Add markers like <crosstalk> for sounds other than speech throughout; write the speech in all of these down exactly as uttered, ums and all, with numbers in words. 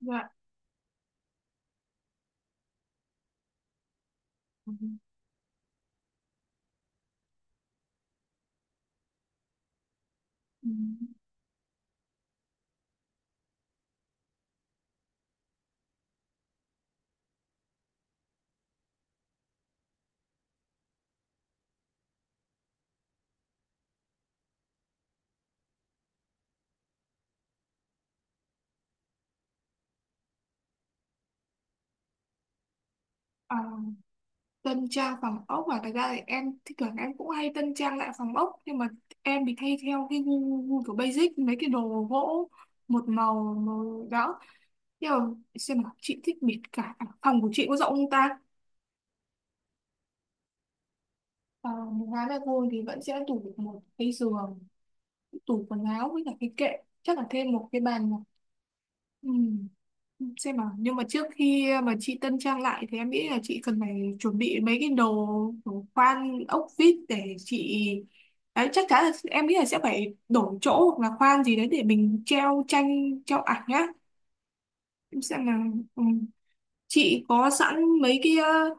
Dạ. Ừ. Ừ. Ờ, tân trang phòng ốc. Và thật ra thì em thì thường em cũng hay tân trang lại phòng ốc, nhưng mà em thì hay theo cái gu, gu kiểu basic, mấy cái đồ gỗ một màu, màu đó. Nhưng mà xem nào, chị thích biệt cả à, phòng của chị có rộng không ta? Ờ, một gái là thôi thì vẫn sẽ tủ được một cái giường, tủ quần áo với cả cái kệ, chắc là thêm một cái bàn nữa. Ừ. Xem nào, nhưng mà trước khi mà chị tân trang lại thì em nghĩ là chị cần phải chuẩn bị mấy cái đồ đồ khoan ốc vít để chị, đấy chắc chắn là em nghĩ là sẽ phải đổi chỗ hoặc là khoan gì đấy để mình treo tranh treo ảnh nhá. Em xem là, ừ, chị có sẵn mấy cái ờ,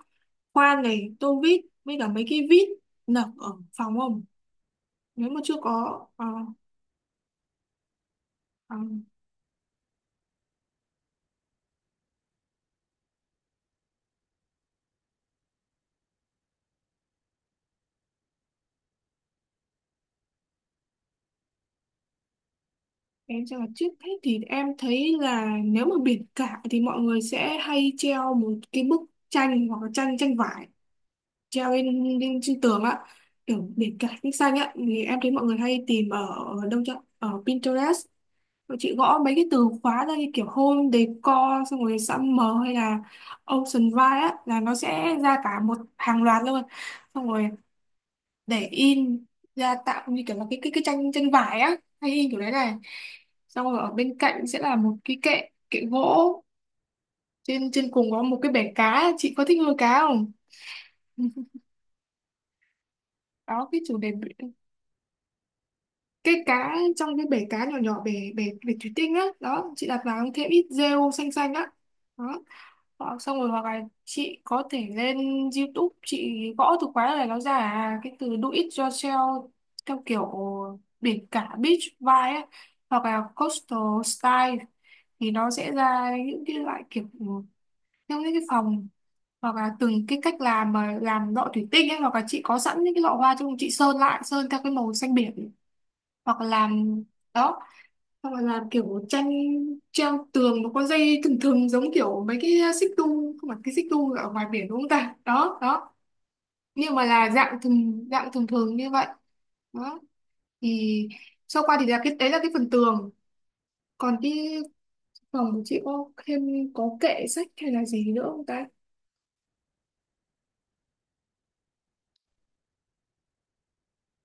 khoan này, tô vít với cả mấy cái vít nở ở phòng không? Nếu mà chưa có ờ, ờ. Em cho là trước hết thì em thấy là nếu mà biển cả thì mọi người sẽ hay treo một cái bức tranh hoặc là tranh tranh vải, treo lên, lên trên tường á, kiểu biển cả nước xanh á, thì em thấy mọi người hay tìm ở, ở đâu chứ, ở Pinterest. Mọi chị gõ mấy cái từ khóa ra như kiểu home decor, xong rồi summer hay là ocean vibe á, là nó sẽ ra cả một hàng loạt luôn. Xong rồi để in ra, tạo như kiểu là cái cái cái tranh tranh vải á, hay in kiểu đấy này. Xong rồi ở bên cạnh sẽ là một cái kệ kệ gỗ, trên trên cùng có một cái bể cá. Chị có thích nuôi cá không? <laughs> Đó, cái chủ đề. Cái cá trong cái bể cá nhỏ nhỏ, bể bể bể thủy tinh á, đó chị đặt vào thêm ít rêu xanh xanh á. Đó. Đó, xong rồi hoặc là chị có thể lên YouTube, chị gõ từ khóa này nó ra à, cái từ do it yourself, theo kiểu biển cả beach vibe á, hoặc là coastal style, thì nó sẽ ra những cái loại kiểu theo những cái phòng, hoặc là từng cái cách làm, mà làm lọ thủy tinh ấy, hoặc là chị có sẵn những cái lọ hoa chung, chị sơn lại, sơn theo cái màu xanh biển, hoặc là làm, đó, hoặc là làm kiểu tranh treo tường, nó có dây thừng thừng giống kiểu mấy cái xích đu, không phải cái xích đu ở ngoài biển, đúng không ta, đó đó, nhưng mà là dạng thường dạng thường thường như vậy đó. Thì sau qua thì là cái đấy là cái phần tường. Còn cái phòng của chị có thêm, có kệ sách hay là gì nữa không ta?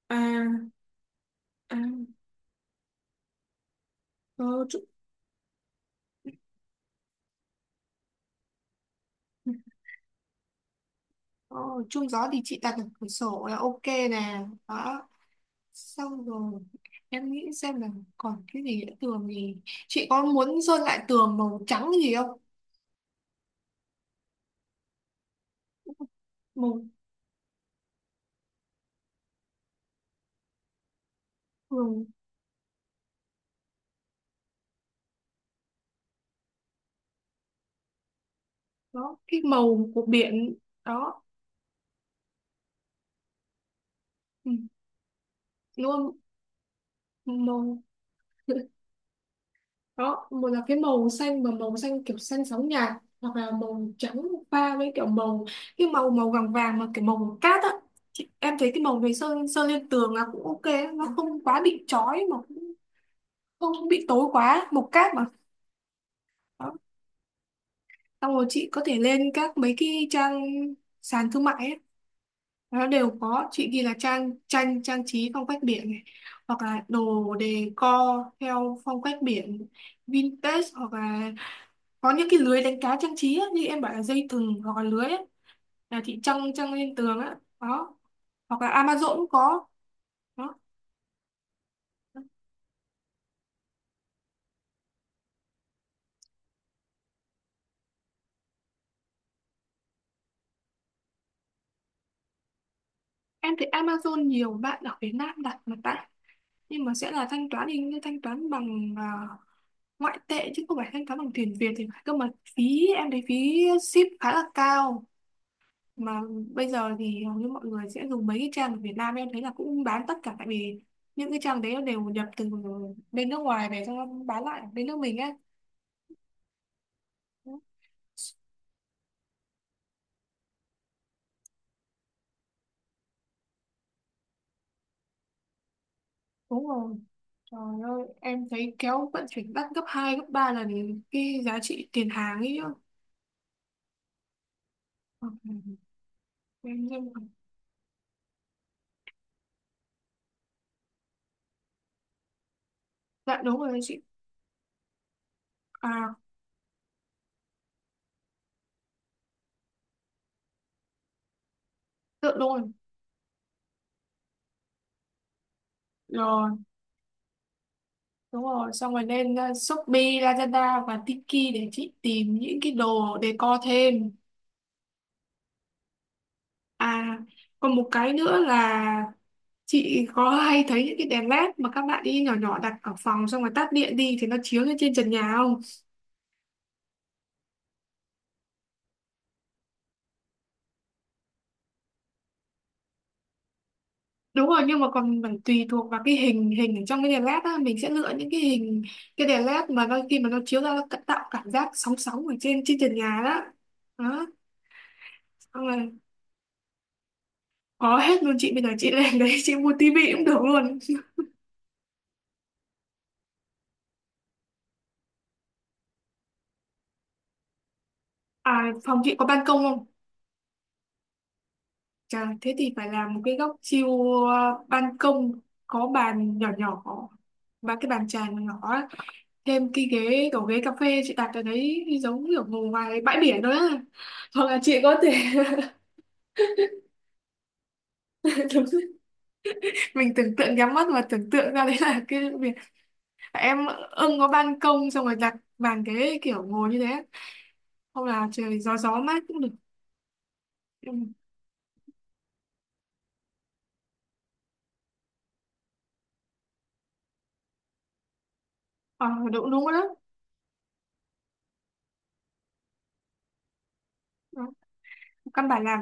À, à, có chút. Ồ, chung gió thì chị đặt ở cửa sổ là ok nè đó. Xong rồi em nghĩ xem là còn cái gì nữa. Tường thì chị có muốn sơn lại tường màu trắng gì không? Màu tường, đó cái màu của biển, đó, ừ, đúng không? Màu, <laughs> đó, một là cái màu xanh, mà màu xanh kiểu xanh sóng nhạt, hoặc là màu trắng pha với kiểu màu, cái màu màu vàng vàng mà kiểu màu cát á. Chị, em thấy cái màu này sơn sơn lên tường là cũng ok, nó không quá bị chói mà cũng không không bị tối quá mục cáp mà. Đó. Xong rồi chị có thể lên các mấy cái trang sàn thương mại ấy, nó đều có. Chị ghi là trang tranh trang trí phong cách biển này, hoặc là đồ decor theo phong cách biển vintage, hoặc là có những cái lưới đánh cá trang trí ấy, như em bảo là dây thừng hoặc là lưới ấy, là chị trăng trăng lên tường á đó. Hoặc là Amazon cũng có. Đó. Em thấy Amazon nhiều bạn ở Việt Nam đặt mà, tại nhưng mà sẽ là thanh toán thì thanh toán bằng à, ngoại tệ chứ không phải thanh toán bằng tiền Việt thì phải, cơ mà phí, em thấy phí ship khá là cao. Mà bây giờ thì hầu như mọi người sẽ dùng mấy cái trang ở Việt Nam, em thấy là cũng bán tất cả, tại vì những cái trang đấy nó đều nhập từ bên nước ngoài về, xong nó bán lại ở bên nước mình á. Đúng rồi, trời ơi, em thấy kéo vận chuyển đắt gấp hai gấp ba lần cái giá trị tiền hàng ấy chứ. Ừ, em- em- dạ đúng rồi đấy chị. À, tự đúng rồi, rồi. Đúng rồi, xong rồi lên uh, Shopee, Lazada và Tiki để chị tìm những cái đồ decor thêm. À, còn một cái nữa là, chị có hay thấy những cái đèn led mà các bạn đi nhỏ nhỏ đặt ở phòng, xong rồi tắt điện đi thì nó chiếu lên trên trần nhà không? Đúng rồi, nhưng mà còn phải tùy thuộc vào cái hình hình ở trong cái đèn led á, mình sẽ lựa những cái hình cái đèn led mà đôi khi mà nó chiếu ra nó c- tạo cảm giác sóng sóng ở trên trên trần nhà đó. Đó, xong rồi, có hết luôn chị, bây giờ chị <laughs> lên đấy chị mua tivi cũng được luôn. À, phòng chị có ban công không? Chà, thế thì phải làm một cái góc chiêu uh, ban công, có bàn nhỏ nhỏ và cái bàn trà nhỏ nhỏ á, thêm cái ghế kiểu ghế cà phê chị đặt ở đấy giống kiểu ngồi ngoài bãi biển đó á. Hoặc là chị có thể <laughs> đúng, mình tưởng tượng, nhắm mắt mà tưởng tượng ra đấy là cái việc. Em ưng có ban công, xong rồi đặt bàn ghế kiểu ngồi như thế á. Hoặc là trời gió gió mát cũng được. Ừ. Ờ đúng đúng rồi đó. Đó, căn bản làm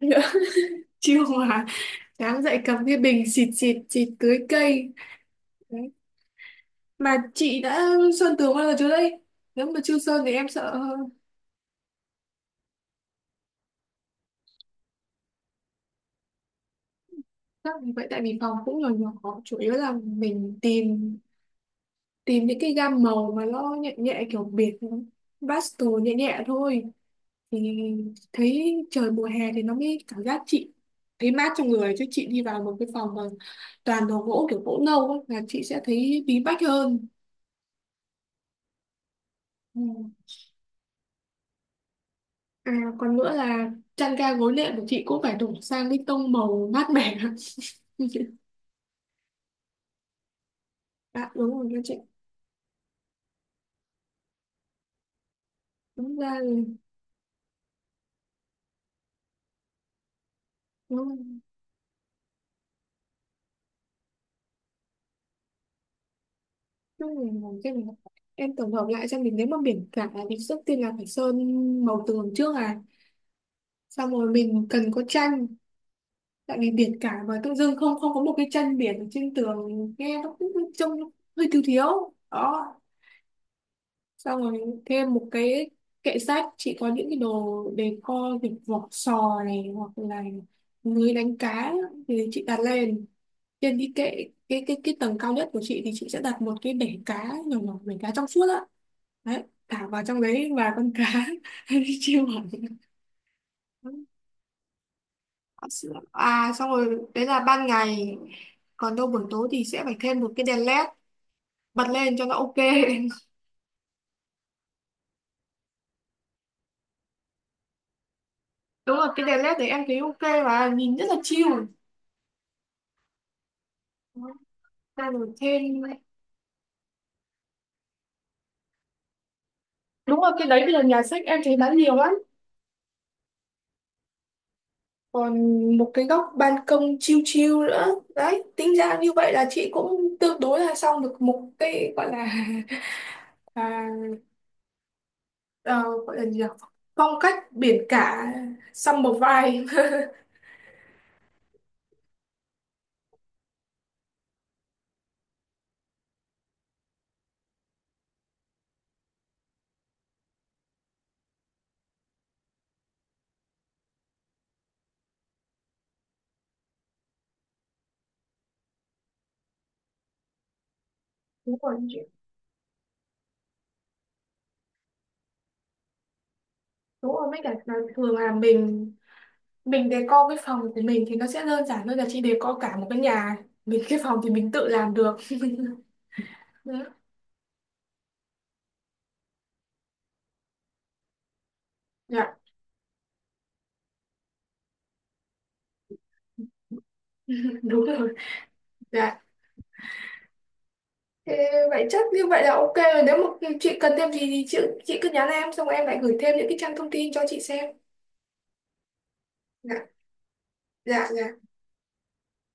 <laughs> chiêu mà sáng dậy cầm cái bình xịt xịt xịt tưới cây. Đấy. Mà chị đã sơn tường bao giờ chưa đây? Nếu mà chưa sơn thì em sợ, chắc là vậy, tại vì phòng cũng nhỏ nhỏ, chủ yếu là mình tìm tìm những cái gam màu mà nó nhẹ nhẹ kiểu biệt, pastel nhẹ nhẹ thôi, thì thấy trời mùa hè thì nó mới cảm giác chị thấy mát trong người, chứ chị đi vào một cái phòng mà toàn đồ gỗ kiểu gỗ nâu ấy, là chị sẽ thấy bí bách hơn. Ừ. À, còn nữa là chăn ga gối nệm của chị cũng phải đổi sang cái tông màu mát mẻ. <laughs> Dạ đúng rồi các chị. Đúng ra thì đúng rồi. Đúng rồi, làm cái này. Em tổng hợp lại xem, mình nếu mà biển cả thì trước tiên là phải sơn màu tường trước à. Xong rồi mình cần có tranh, tại vì biển cả mà tự dưng không không có một cái tranh biển ở trên tường, nghe nó cũng trông hơi thiếu thiếu. Đó, xong rồi thêm một cái kệ sách, chị có những cái đồ decor kiểu vỏ sò này, hoặc là lưới đánh cá thì chị đặt lên trên cái kệ, cái cái cái tầng cao nhất của chị thì chị sẽ đặt một cái bể cá nhỏ nhỏ, bể cá trong suốt á, đấy, thả vào trong đấy và con cá. <laughs> Chiêu hẳn. Có sữa. À xong rồi đấy là ban ngày, còn đâu buổi tối thì sẽ phải thêm một cái đèn led bật lên cho nó ok. <laughs> Đúng rồi, cái đèn led đấy em thấy ok và nhìn rất là chill. Bàn then, đúng rồi, cái đấy bây giờ nhà sách em thấy bán nhiều lắm. Còn một cái góc ban công chill chill nữa, đấy tính ra như vậy là chị cũng tương đối là xong được một cái gọi là <laughs> à, ờ, gọi là gì nhỉ? Phong cách biển cả, summer vibe. <laughs> Đúng rồi chị. Đúng rồi, mấy cả là thường là mình mình decor cái phòng của mình thì nó sẽ đơn giản hơn là chị decor cả một cái nhà. Mình cái phòng thì mình tự làm được. Đấy. Dạ. <laughs> Đúng rồi. Dạ. Thế vậy chắc như vậy là ok rồi. Nếu mà chị cần thêm gì thì chị, chị cứ nhắn em, xong em lại gửi thêm những cái trang thông tin cho chị xem. Dạ, dạ, dạ.